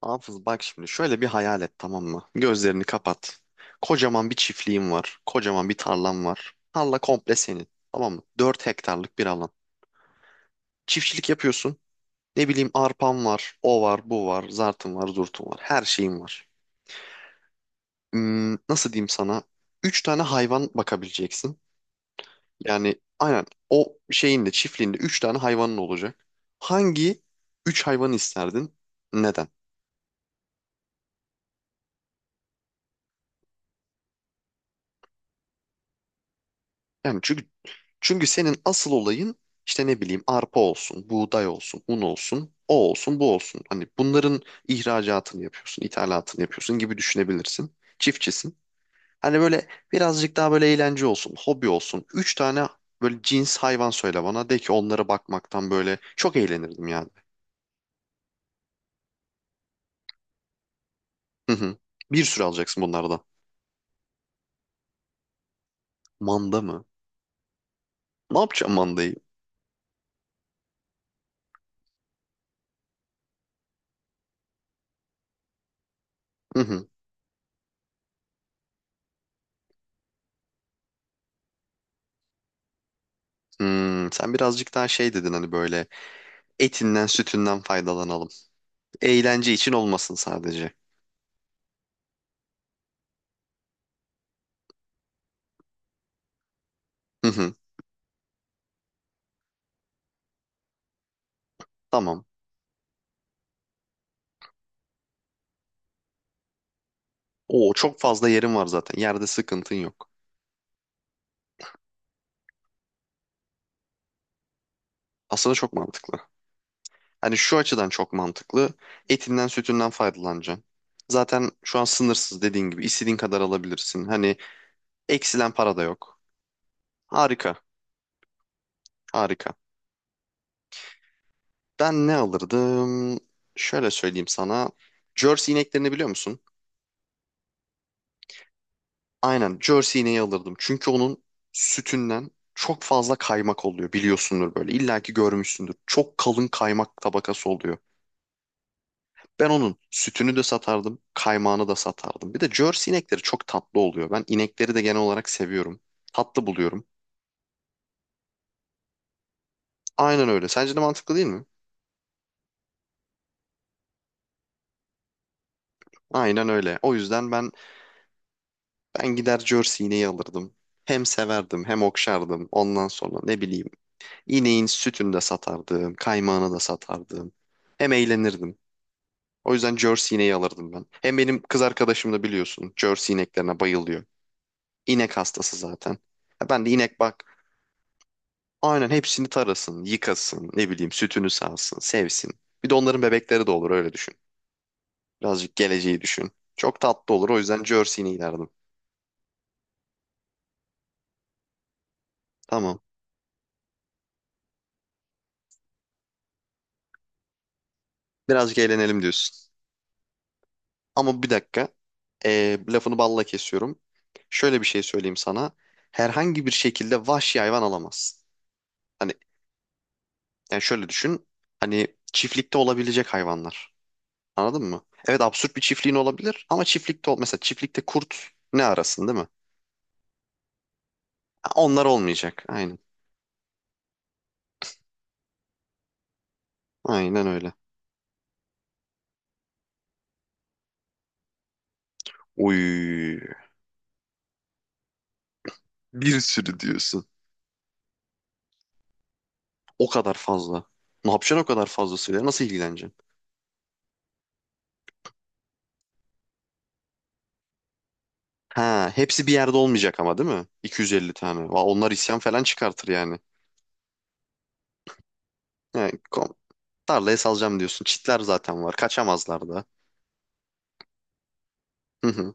Hafız bak şimdi şöyle bir hayal et tamam mı? Gözlerini kapat. Kocaman bir çiftliğin var. Kocaman bir tarlan var. Tarla komple senin. Tamam mı? 4 hektarlık bir alan. Çiftçilik yapıyorsun. Ne bileyim arpan var, o var, bu var, zartın var, zurtun var. Her şeyin var. Nasıl diyeyim sana? 3 tane hayvan bakabileceksin. Yani aynen o şeyin de çiftliğinde 3 tane hayvanın olacak. Hangi 3 hayvanı isterdin? Neden? Yani çünkü senin asıl olayın işte ne bileyim arpa olsun, buğday olsun, un olsun, o olsun, bu olsun. Hani bunların ihracatını yapıyorsun, ithalatını yapıyorsun gibi düşünebilirsin. Çiftçisin. Hani böyle birazcık daha böyle eğlence olsun, hobi olsun. Üç tane böyle cins hayvan söyle bana. De ki onlara bakmaktan böyle çok eğlenirdim yani. Hı hı. Bir sürü alacaksın bunlardan. Manda mı? Ne yapacağım mandayı? Hı hı. Sen birazcık daha şey dedin hani böyle etinden sütünden faydalanalım. Eğlence için olmasın sadece. Hı hı, tamam. Oo çok fazla yerin var zaten. Yerde sıkıntın yok. Aslında çok mantıklı. Hani şu açıdan çok mantıklı. Etinden sütünden faydalanacaksın. Zaten şu an sınırsız dediğin gibi istediğin kadar alabilirsin. Hani eksilen para da yok. Harika, harika. Ben ne alırdım? Şöyle söyleyeyim sana. Jersey ineklerini biliyor musun? Aynen Jersey ineği alırdım. Çünkü onun sütünden çok fazla kaymak oluyor biliyorsundur böyle. İlla ki görmüşsündür. Çok kalın kaymak tabakası oluyor. Ben onun sütünü de satardım, kaymağını da satardım. Bir de Jersey inekleri çok tatlı oluyor. Ben inekleri de genel olarak seviyorum. Tatlı buluyorum. Aynen öyle. Sence de mantıklı değil mi? Aynen öyle. O yüzden ben gider Jersey ineği alırdım. Hem severdim, hem okşardım. Ondan sonra ne bileyim, ineğin sütünü de satardım, kaymağını da satardım. Hem eğlenirdim. O yüzden Jersey ineği alırdım ben. Hem benim kız arkadaşım da biliyorsun, Jersey ineklerine bayılıyor. İnek hastası zaten. Ya Ben de inek bak Aynen hepsini tarasın, yıkasın, ne bileyim sütünü sağsın, sevsin. Bir de onların bebekleri de olur öyle düşün. Birazcık geleceği düşün. Çok tatlı olur o yüzden Jersey'ni ilerdim. Tamam. Birazcık eğlenelim diyorsun. Ama bir dakika. Lafını balla kesiyorum. Şöyle bir şey söyleyeyim sana. Herhangi bir şekilde vahşi hayvan alamazsın. Hani yani şöyle düşün. Hani çiftlikte olabilecek hayvanlar. Anladın mı? Evet absürt bir çiftliğin olabilir ama çiftlikte ol mesela çiftlikte kurt ne arasın değil mi? Ha, onlar olmayacak. Aynen. Aynen öyle. Uy, bir sürü diyorsun. O kadar fazla. Ne yapacaksın o kadar fazlasıyla? Nasıl ilgileneceksin? Ha, hepsi bir yerde olmayacak ama değil mi? 250 tane. Va, onlar isyan falan çıkartır yani. Yani kom- Tarlaya salacağım diyorsun. Çitler zaten var. Kaçamazlar da. Hı hı.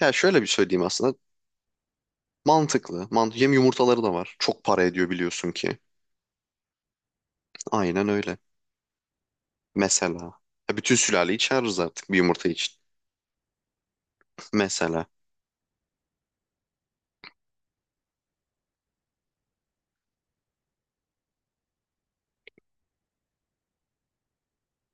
Ya şöyle bir söyleyeyim aslında. Mantıklı. Hem yumurtaları da var. Çok para ediyor biliyorsun ki. Aynen öyle. Mesela. Ya bütün sülaleyi çağırırız artık bir yumurta için. Mesela.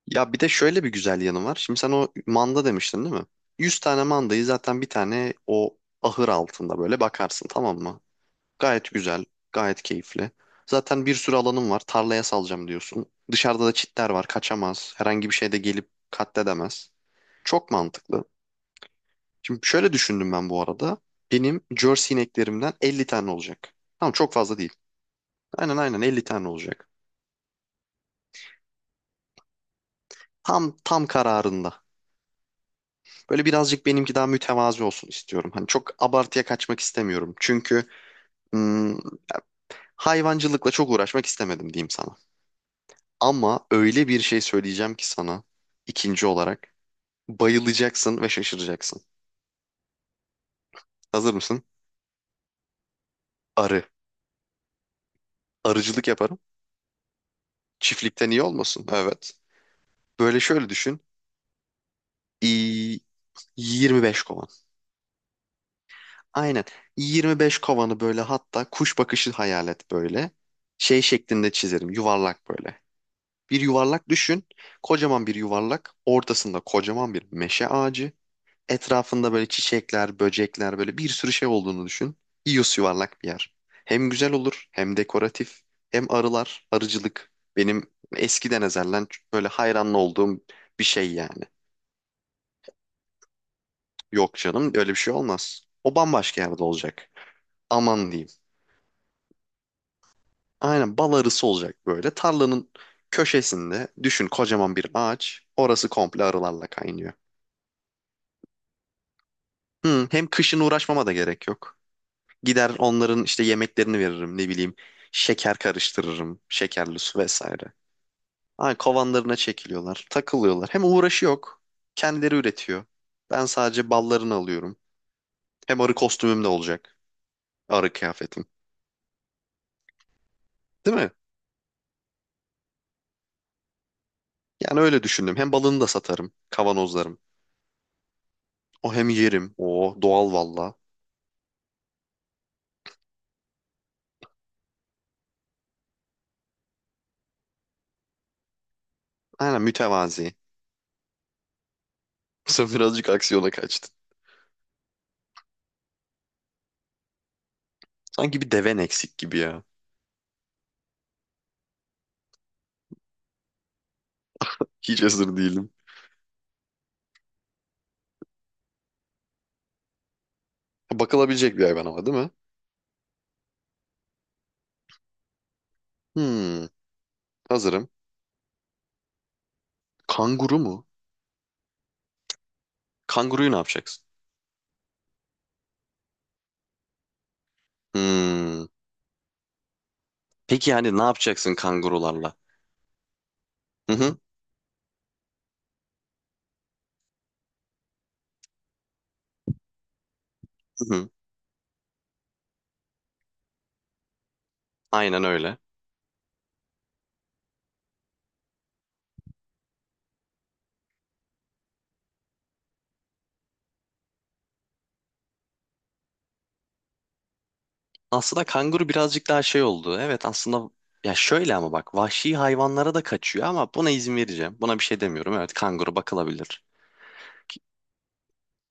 Ya bir de şöyle bir güzel yanı var. Şimdi sen o manda demiştin değil mi? 100 tane mandayı zaten bir tane o ahır altında böyle bakarsın tamam mı? Gayet güzel, gayet keyifli. Zaten bir sürü alanım var. Tarlaya salacağım diyorsun. Dışarıda da çitler var, kaçamaz. Herhangi bir şey de gelip katledemez. Çok mantıklı. Şimdi şöyle düşündüm ben bu arada. Benim Jersey ineklerimden 50 tane olacak. Tamam çok fazla değil. Aynen aynen 50 tane olacak. Tam tam kararında. Böyle birazcık benimki daha mütevazi olsun istiyorum. Hani çok abartıya kaçmak istemiyorum. Hmm, Hayvancılıkla çok uğraşmak istemedim diyeyim sana. Ama öyle bir şey söyleyeceğim ki sana ikinci olarak bayılacaksın ve şaşıracaksın. Hazır mısın? Arı. Arıcılık yaparım. Çiftlikten iyi olmasın? Evet. Böyle şöyle düşün. İyi, 25 kovan. Aynen. 25 kovanı böyle hatta kuş bakışı hayal et böyle. Şey şeklinde çizerim. Yuvarlak böyle. Bir yuvarlak düşün. Kocaman bir yuvarlak. Ortasında kocaman bir meşe ağacı. Etrafında böyle çiçekler, böcekler böyle bir sürü şey olduğunu düşün. İyos yuvarlak bir yer. Hem güzel olur hem dekoratif. Hem arılar, arıcılık. Benim eskiden ezelden böyle hayranlı olduğum bir şey yani. Yok canım öyle bir şey olmaz. O bambaşka yerde olacak. Aman diyeyim. Aynen bal arısı olacak böyle. Tarlanın köşesinde düşün kocaman bir ağaç. Orası komple arılarla kaynıyor. Hı, hem kışın uğraşmama da gerek yok. Gider onların işte yemeklerini veririm ne bileyim. Şeker karıştırırım. Şekerli su vesaire. Ay kovanlarına çekiliyorlar. Takılıyorlar. Hem uğraşı yok. Kendileri üretiyor. Ben sadece ballarını alıyorum. Hem arı kostümüm de olacak. Arı kıyafetim. Değil mi? Yani öyle düşündüm. Hem balını da satarım. Kavanozlarım. O hem yerim. O doğal valla. Aynen mütevazi. Bu sefer birazcık aksiyona kaçtın. Sanki bir deven eksik gibi ya. Hiç hazır değilim. Bakılabilecek bir hayvan ama değil mi? Hmm, Hazırım. Kanguru mu? Kanguruyu ne yapacaksın? Hmm. Peki yani ne yapacaksın kangurularla? Hı hı, hı hı. Aynen öyle. Aslında kanguru birazcık daha şey oldu. Evet aslında ya şöyle ama bak vahşi hayvanlara da kaçıyor ama buna izin vereceğim. Buna bir şey demiyorum. Evet kanguru bakılabilir. Ki,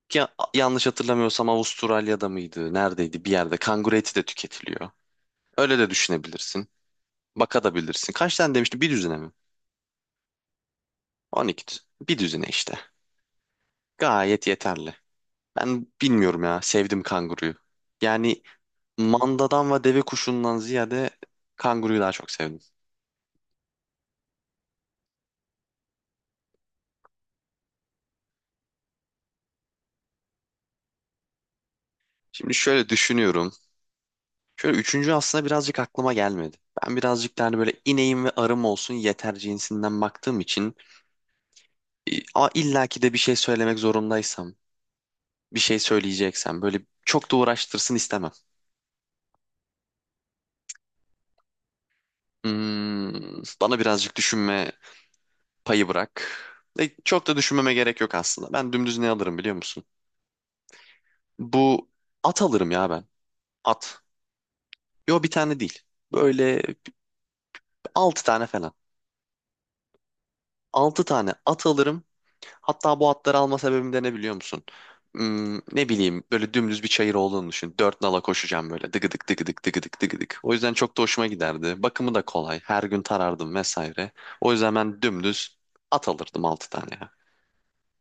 Yanlış hatırlamıyorsam Avustralya'da mıydı? Neredeydi? Bir yerde kanguru eti de tüketiliyor. Öyle de düşünebilirsin. Bakabilirsin. Kaç tane demiştim? Bir düzine mi? 12 düzine. Bir düzine işte. Gayet yeterli. Ben bilmiyorum ya. Sevdim kanguruyu. Yani mandadan ve deve kuşundan ziyade kanguruyu daha çok sevdim. Şimdi şöyle düşünüyorum. Şöyle üçüncü aslında birazcık aklıma gelmedi. Ben birazcık daha hani böyle ineğim ve arım olsun yeter cinsinden baktığım için ama illaki de bir şey söylemek zorundaysam, bir şey söyleyeceksem böyle çok da uğraştırsın istemem. Bana birazcık düşünme payı bırak. Çok da düşünmeme gerek yok aslında. Ben dümdüz ne alırım biliyor musun? Bu at alırım ya ben. At. Yo bir tane değil. Böyle altı tane falan. Altı tane at alırım. Hatta bu atları alma sebebim de ne biliyor musun? Ne bileyim böyle dümdüz bir çayır olduğunu düşün. Dört nala koşacağım böyle dıgıdık dıgıdık dıgıdık dıgıdık. O yüzden çok da hoşuma giderdi. Bakımı da kolay. Her gün tarardım vesaire. O yüzden ben dümdüz at alırdım altı tane ya.